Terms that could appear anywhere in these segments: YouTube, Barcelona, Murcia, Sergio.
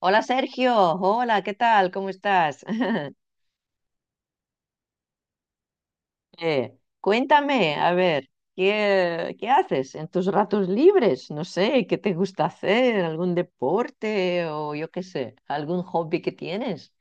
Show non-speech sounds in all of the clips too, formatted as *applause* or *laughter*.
Hola Sergio, hola, ¿qué tal? ¿Cómo estás? *laughs* Cuéntame, a ver, ¿qué haces en tus ratos libres? No sé, ¿qué te gusta hacer? ¿Algún deporte o yo qué sé, algún hobby que tienes?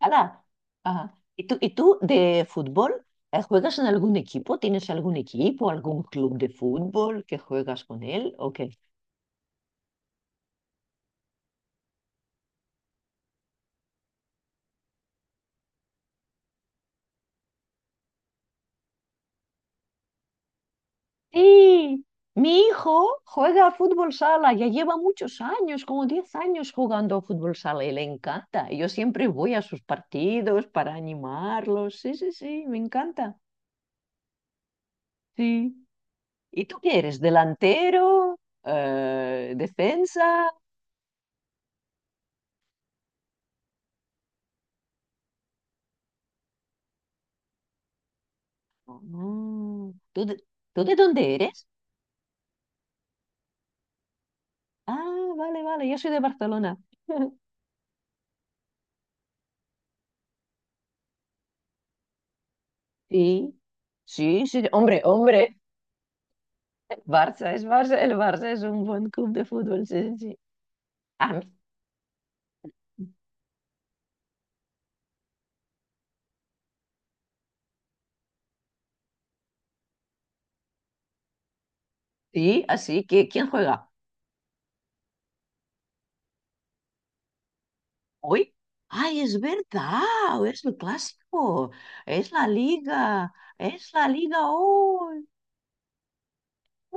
¡Hala! Ajá. ¿Y tú de fútbol? ¿Juegas en algún equipo? ¿Tienes algún equipo, algún club de fútbol que juegas con él? O sí, mi hijo juega a fútbol sala, ya lleva muchos años, como 10 años jugando a fútbol sala y le encanta. Y yo siempre voy a sus partidos para animarlos. Sí, sí, sí, me encanta. Sí. ¿Y tú qué eres? ¿Delantero? ¿Defensa? Mm, ¿Tú de, tú de dónde eres? Ah, vale, vale, yo soy de Barcelona. *laughs* Sí, sí, sí, hombre, hombre, Barça es Barça, el Barça es un buen club de fútbol, sí, sí. Sí. A mí- Sí, así que ¿quién juega? ¿Hoy? Ay, es verdad, es el clásico, es la liga, es la liga hoy.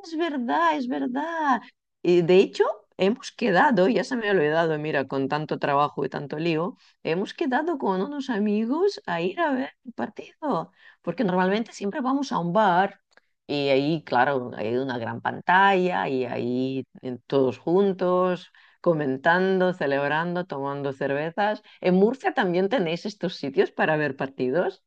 Es verdad, es verdad. Y de hecho, hemos quedado, ya se me ha olvidado, mira, con tanto trabajo y tanto lío, hemos quedado con unos amigos a ir a ver el partido, porque normalmente siempre vamos a un bar y ahí, claro, hay una gran pantalla y ahí todos juntos, comentando, celebrando, tomando cervezas. ¿En Murcia también tenéis estos sitios para ver partidos?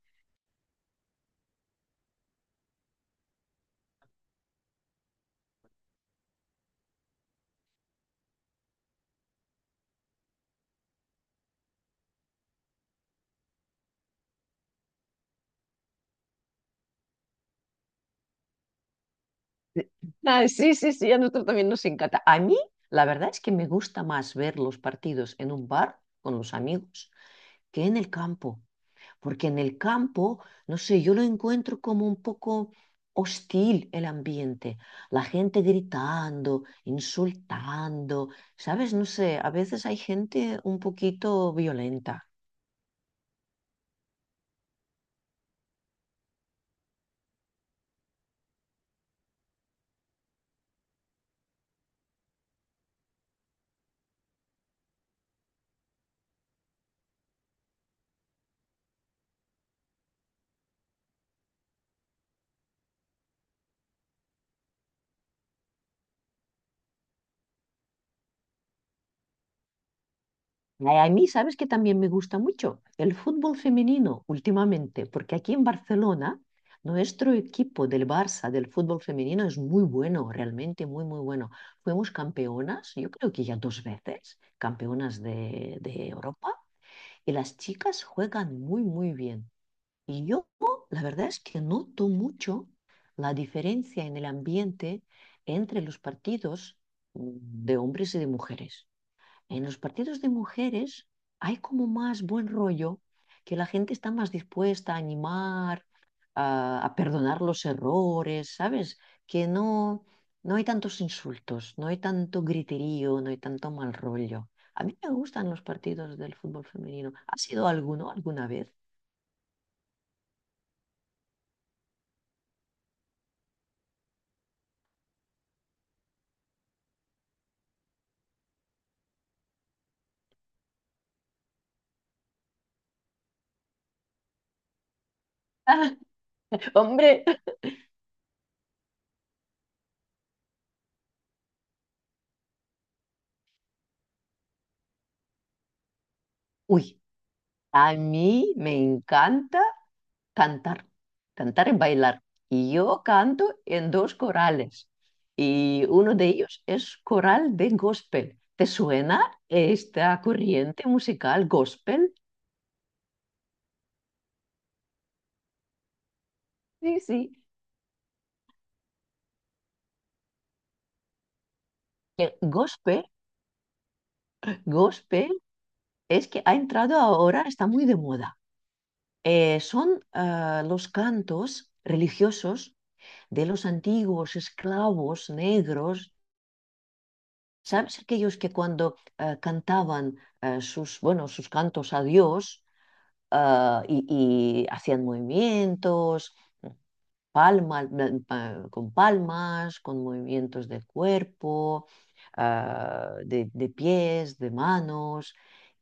Ah, sí, sí, sí, a nosotros también nos encanta. A mí, la verdad es que me gusta más ver los partidos en un bar con los amigos que en el campo, porque en el campo, no sé, yo lo encuentro como un poco hostil el ambiente, la gente gritando, insultando, ¿sabes? No sé, a veces hay gente un poquito violenta. Ay, a mí, ¿sabes que también me gusta mucho? El fútbol femenino últimamente, porque aquí en Barcelona nuestro equipo del Barça del fútbol femenino es muy bueno, realmente muy, muy bueno. Fuimos campeonas, yo creo que ya dos veces, campeonas de Europa, y las chicas juegan muy, muy bien. Y yo, la verdad es que noto mucho la diferencia en el ambiente entre los partidos mm, de hombres y de mujeres. En los partidos de mujeres hay como más buen rollo, que la gente está más dispuesta a animar, a perdonar los errores, ¿sabes? Que no, no hay tantos insultos, no hay tanto griterío, no hay tanto mal rollo. A mí me gustan los partidos del fútbol femenino. ¿Ha sido alguno alguna vez? *laughs* Hombre, uy, a mí me encanta cantar. Cantar y bailar. Y yo canto en dos corales. Y uno de ellos es coral de gospel. ¿Te suena esta corriente musical gospel? Sí, sí. Eh, Gospel, gospel es que ha entrado ahora, está muy de moda. Son los cantos religiosos de los antiguos esclavos negros. ¿Sabes aquellos que cuando cantaban bueno, sus cantos a Dios, y hacían movimientos, palma- con palmas, con movimientos del cuerpo, de pies, de manos.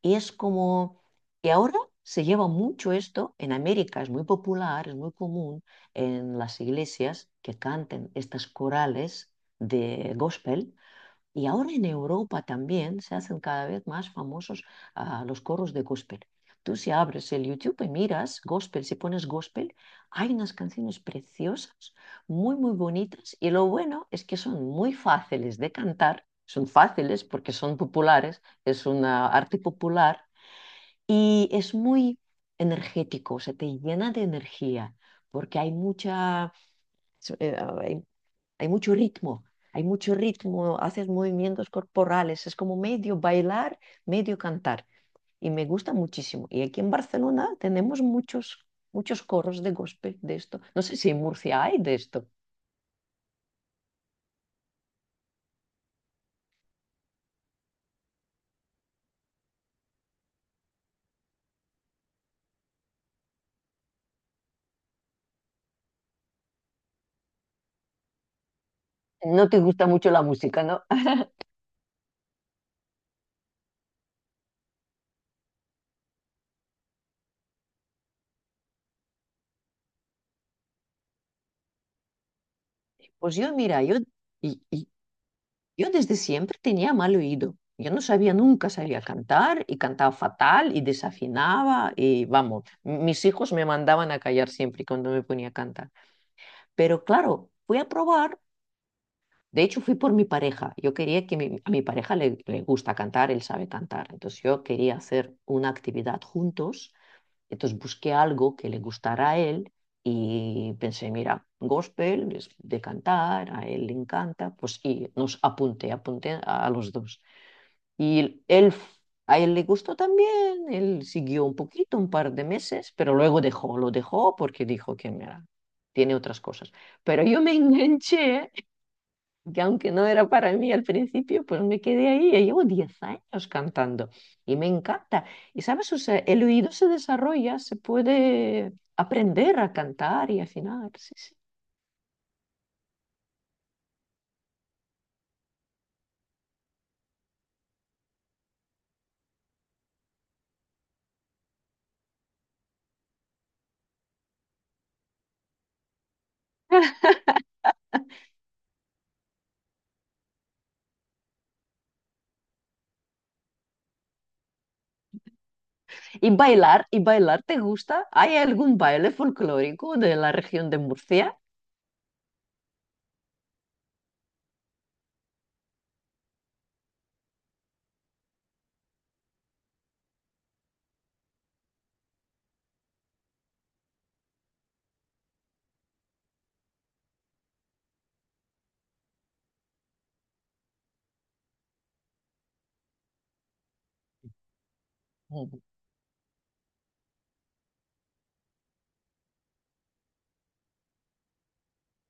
Y es como, y ahora se lleva mucho esto en América, es muy popular, es muy común en las iglesias que canten estas corales de gospel, y ahora en Europa también se hacen cada vez más famosos los coros de gospel. Tú si abres el YouTube y miras gospel, si pones gospel, hay unas canciones preciosas, muy, muy bonitas. Y lo bueno es que son muy fáciles de cantar, son fáciles porque son populares, es una arte popular y es muy energético, se te llena de energía porque hay mucha, so, ah, hay hay mucho ritmo, hay mucho ritmo, haces movimientos corporales, es como medio bailar, medio cantar. Y me gusta muchísimo. Y aquí en Barcelona tenemos muchos, muchos coros de gospel de esto. No sé si en Murcia hay de esto. No te gusta mucho la música, ¿no? *laughs* Pues yo, mira, yo, y, y- yo desde siempre tenía mal oído. Yo no sabía, nunca sabía cantar y cantaba fatal y desafinaba y vamos, mis hijos me mandaban a callar siempre cuando me ponía a cantar. Pero claro, fui a probar. De hecho, fui por mi pareja. Yo quería que a mi pareja le gusta cantar, él sabe cantar. Entonces yo quería hacer una actividad juntos. Entonces busqué algo que le gustara a él y pensé, mira, gospel es de cantar, a él le encanta. Pues y apunté a los dos. Y él, a él le gustó también, él siguió un poquito, un par de meses, pero luego lo dejó porque dijo que mira, tiene otras cosas. Pero yo me *laughs* enganché que aunque no era para mí al principio, pues me quedé ahí. Ya llevo 10 años cantando y me encanta. Y sabes, o sea, el oído se desarrolla, se puede aprender a cantar y afinar. Sí, sí. ¿Y bailar te gusta? ¿Hay algún baile folclórico de la región de Murcia?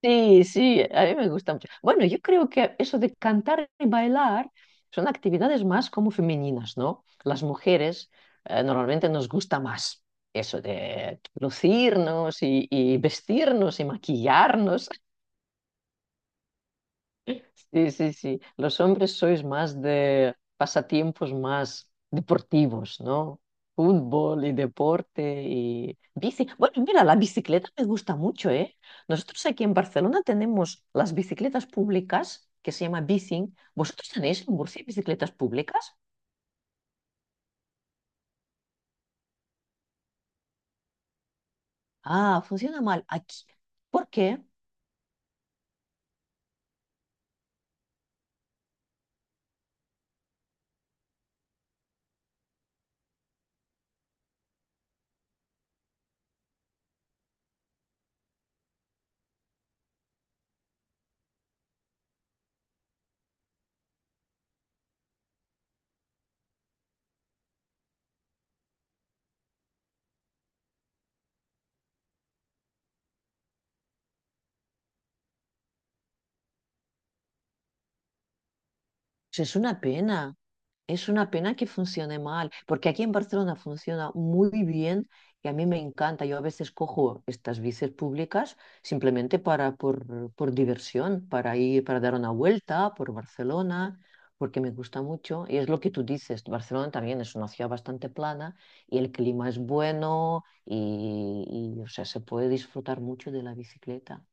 Sí, sí, a mí me gusta mucho. Bueno, yo creo que eso de cantar y bailar son actividades más como femeninas, ¿no? Las mujeres normalmente nos gusta más eso de lucirnos y, vestirnos y maquillarnos. Sí, sí, sí. Los hombres sois más de pasatiempos más deportivos, ¿no? Fútbol y deporte y bici. Bueno, mira, la bicicleta me gusta mucho, ¿eh? Nosotros aquí en Barcelona tenemos las bicicletas públicas que se llama bicing. ¿Vosotros tenéis en Murcia bicicletas públicas? Ah, funciona mal aquí. ¿Por qué? Pues es una pena. Es una pena que funcione mal, porque aquí en Barcelona funciona muy bien y a mí me encanta. Yo a veces cojo estas bicis públicas simplemente por diversión, para ir, para dar una vuelta por Barcelona, porque me gusta mucho. Y es lo que tú dices, Barcelona también es una ciudad bastante plana y el clima es bueno y, o sea, se puede disfrutar mucho de la bicicleta.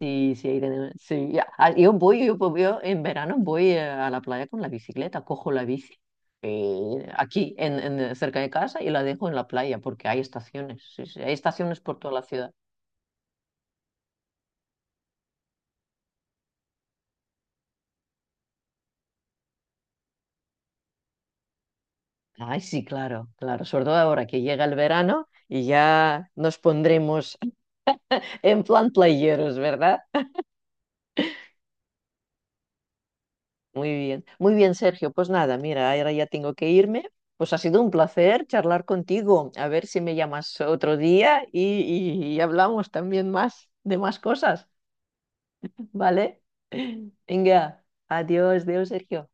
Sí, sí, sí, ya. Ah, yo en verano voy a la playa con la bicicleta, cojo la bici aquí, cerca de casa, y la dejo en la playa, porque hay estaciones, sí, sí, hay estaciones por toda la ciudad. Ay, sí, claro, claro, sobre todo ahora que llega el verano y ya nos pondremos *laughs* en plan playeros, ¿verdad? Muy bien, Sergio. Pues nada, mira, ahora ya tengo que irme. Pues ha sido un placer charlar contigo. A ver si me llamas otro día y hablamos también más de más cosas, ¿vale? *laughs* Venga, adiós, adiós, Sergio.